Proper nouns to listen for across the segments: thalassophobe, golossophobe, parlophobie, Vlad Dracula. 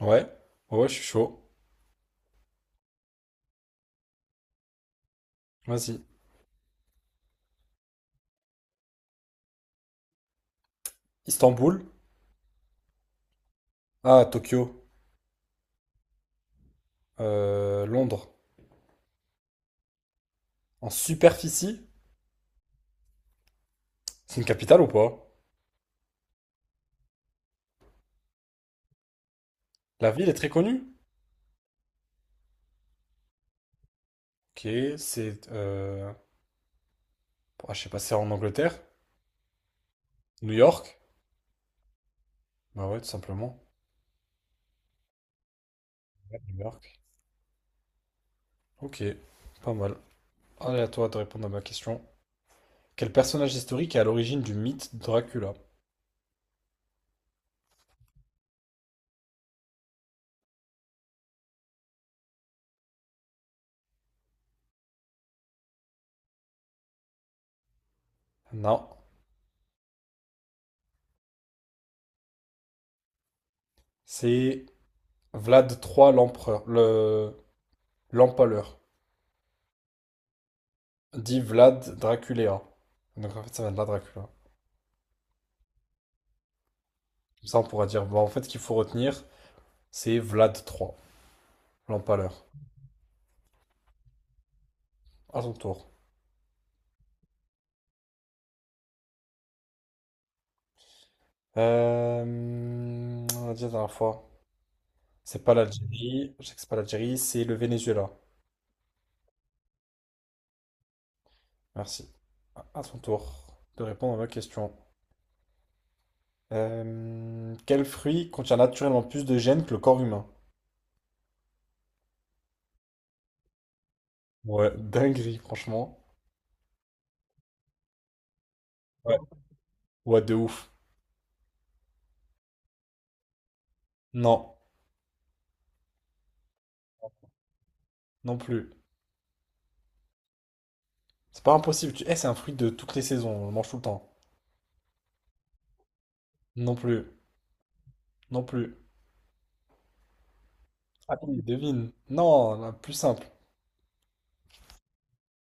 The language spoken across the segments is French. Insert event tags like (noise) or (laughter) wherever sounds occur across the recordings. Ouais, ouais, ouais, je suis chaud. Vas-y. Istanbul. Ah, Tokyo. Londres. En superficie? C'est une capitale ou pas? La ville est très connue. Ok, c'est... Euh... ah, je sais pas, c'est en Angleterre? New York? Bah ouais, tout simplement. Ouais, New York. Ok, pas mal. Allez, à toi de répondre à ma question. Quel personnage historique est à l'origine du mythe de Dracula? Non, c'est Vlad III l'empereur, le l'empaleur. Dit Vlad Dracula. Donc en fait, ça vient de là, Dracula. Comme ça, on pourra dire, bah, en fait, ce qu'il faut retenir, c'est Vlad III. L'empaleur. À ton tour. On a dit la dernière fois. C'est pas l'Algérie. Je sais que c'est pas l'Algérie, c'est le Venezuela. Merci. À ton tour de répondre à ma question. Quel fruit contient naturellement plus de gènes que le corps humain? Ouais, dinguerie, franchement. Ouais. Ouais, de ouf. Non, non plus. C'est pas impossible. C'est un fruit de toutes les saisons. On le mange tout le temps. Non plus. Non plus. Allez, devine. Non, la plus simple.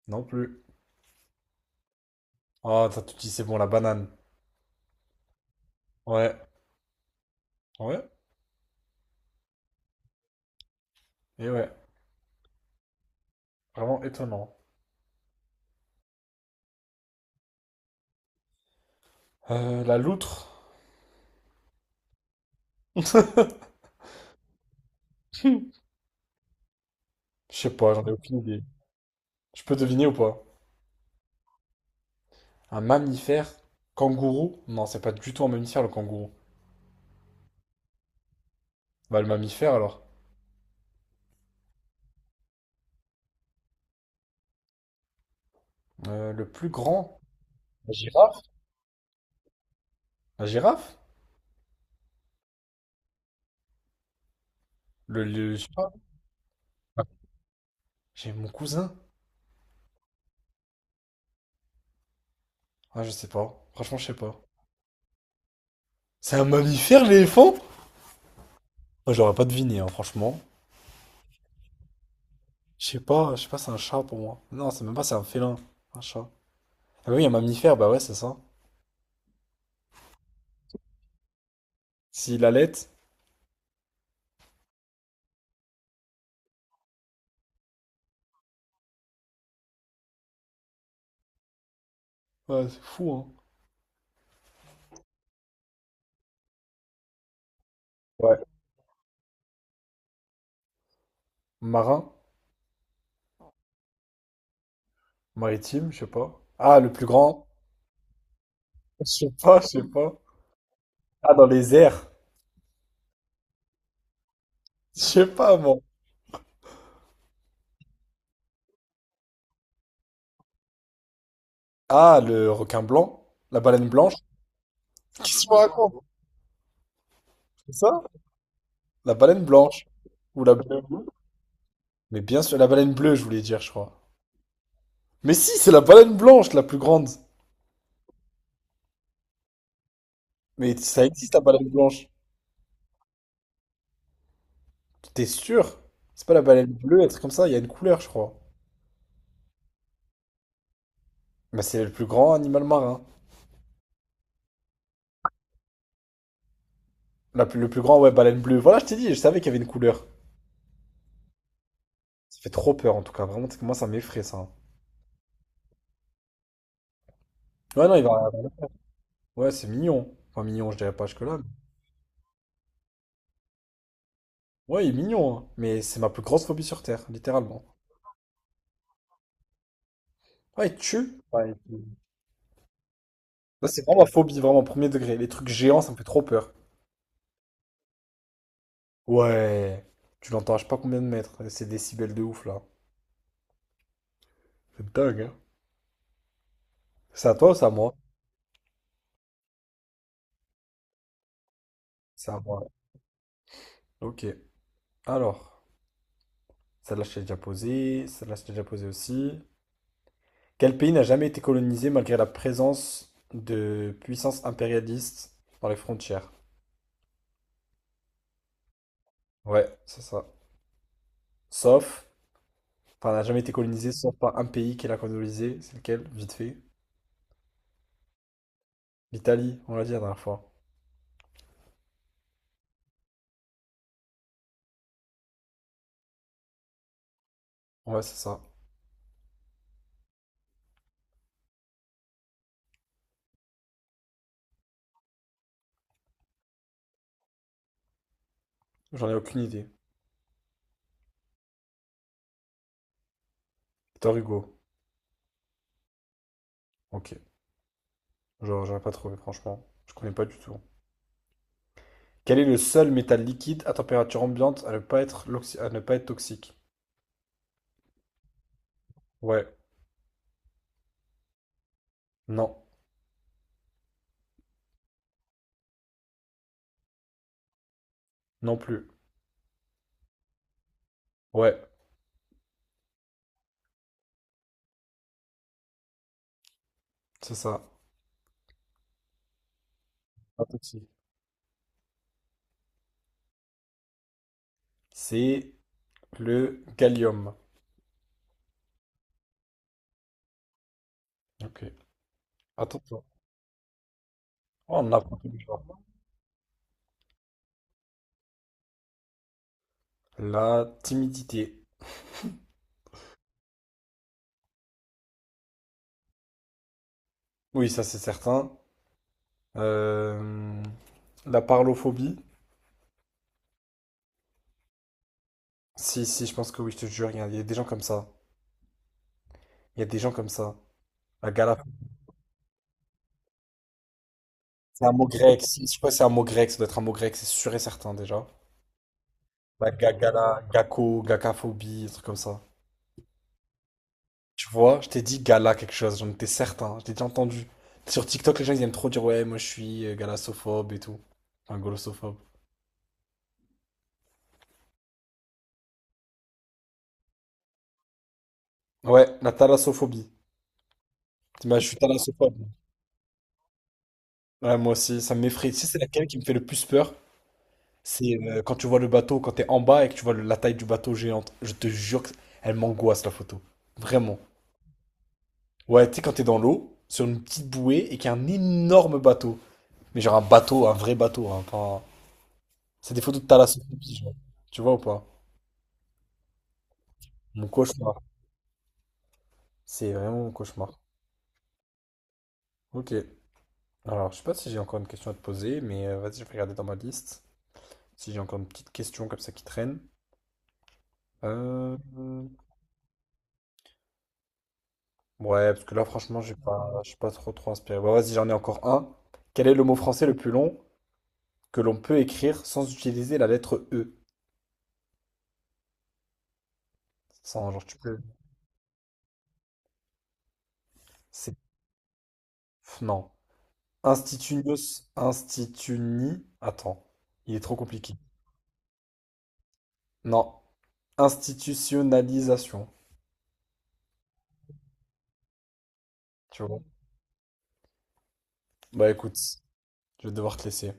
Non plus. Ah, ça tu dis c'est bon, la banane. Ouais. Ouais. Et ouais. Vraiment étonnant. La loutre? (laughs) Je sais pas, j'en ai aucune idée. Je peux deviner ou pas? Un mammifère? Kangourou? Non, c'est pas du tout un mammifère le kangourou. Bah le mammifère alors. Le plus grand? La girafe? La girafe? Je sais pas. J'ai mon cousin. Ah, je sais pas. Franchement, je sais pas. C'est un mammifère, l'éléphant? Moi, j'aurais pas deviné, hein, franchement. Je sais pas, c'est un chat pour moi. Non, c'est même pas, c'est un félin. Un chat. Ah bah oui, un mammifère, bah ouais, c'est ça. S'il allait, ouais, c'est fou, hein. Ouais. Marin, maritime, je sais pas. Ah, le plus grand, je sais pas, je sais pas. Ah, dans les airs, je sais pas, moi. Ah, le requin blanc, la baleine blanche. Qu'est-ce qu'on raconte, c'est ça? La baleine blanche. Ou la bleue. Mais bien sûr, la baleine bleue, je voulais dire, je crois. Mais si, c'est la baleine blanche, la plus grande. Mais ça existe, la baleine blanche. T'es sûr? C'est pas la baleine bleue, un truc comme ça, il y a une couleur, je crois. Bah, c'est le plus grand animal marin. Le plus grand, ouais, baleine bleue. Voilà, je t'ai dit, je savais qu'il y avait une couleur. Ça fait trop peur en tout cas. Vraiment, c'est que moi, ça m'effraie ça. Ouais, non, il va. Ouais, c'est mignon. Enfin, mignon, je dirais pas jusque-là, Ouais, il est mignon, hein. Mais c'est ma plus grosse phobie sur Terre, littéralement. Ouais, il tue. Ouais. Ça, c'est vraiment ma phobie, vraiment, premier degré. Les trucs géants, ça me fait trop peur. Ouais. Tu l'entends, à je sais pas combien de mètres. C'est des décibels de ouf, là. C'est dingue, hein. C'est à toi ou c'est à moi? C'est à moi. Ok. Alors, celle-là, je t'ai déjà posée. Celle-là, je t'ai déjà posée aussi. Quel pays n'a jamais été colonisé malgré la présence de puissances impérialistes dans les frontières? Ouais, c'est ça. Sauf, enfin, n'a jamais été colonisé sauf par un pays qui l'a colonisé. C'est lequel? Vite fait. L'Italie, on l'a dit la dernière fois. Ouais, c'est ça. J'en ai aucune idée. Victor Hugo. Ok. Genre, j'aurais pas trouvé, franchement. Je connais pas du tout. Quel est le seul métal liquide à température ambiante à ne pas être, à ne pas être toxique? Ouais. Non. Non plus. Ouais, c'est ça. Pas toxique. C'est le gallium. Ok. Attends, attends. Oh, on apprend tous les jours. La timidité. Oui, ça c'est certain. Euh, La parlophobie. Si, si, je pense que oui, je te jure, il y a des gens comme ça. Il y a des gens comme ça. La gala, c'est un mot grec. Si, si, je sais pas si c'est un mot grec, ça doit être un mot grec, c'est sûr et certain déjà. Gala, gako, gakaphobie, un truc comme ça. Tu vois, je t'ai dit gala quelque chose, j'en étais certain, je t'ai déjà entendu. Sur TikTok, les gens ils aiment trop dire ouais, moi je suis galassophobe et tout. Enfin, golossophobe. Ouais, la thalassophobie. Bah, je suis thalassophone. Ouais, moi aussi, ça m'effraie. Tu sais, c'est laquelle qui me fait le plus peur? C'est quand tu vois le bateau, quand t'es en bas et que tu vois la taille du bateau géante. Je te jure que elle m'angoisse la photo. Vraiment. Ouais, tu sais, quand t'es dans l'eau, sur une petite bouée et qu'il y a un énorme bateau. Mais genre un bateau, un vrai bateau. Hein. C'est des photos de thalassophobie, genre. Tu vois ou pas? Mon cauchemar. C'est vraiment mon cauchemar. Ok. Alors, je sais pas si j'ai encore une question à te poser, mais vas-y, je vais regarder dans ma liste. Si j'ai encore une petite question comme ça qui traîne. Euh... Ouais, parce que là, franchement, j'ai pas, je suis pas trop trop inspiré. Bah, vas-y, j'en ai encore un. Quel est le mot français le plus long que l'on peut écrire sans utiliser la lettre E? Sans, genre, tu peux. C'est. Non. Institunios, instituni. Attends, il est trop compliqué. Non. Institutionnalisation. Tu vois. Bah écoute, je vais devoir te laisser.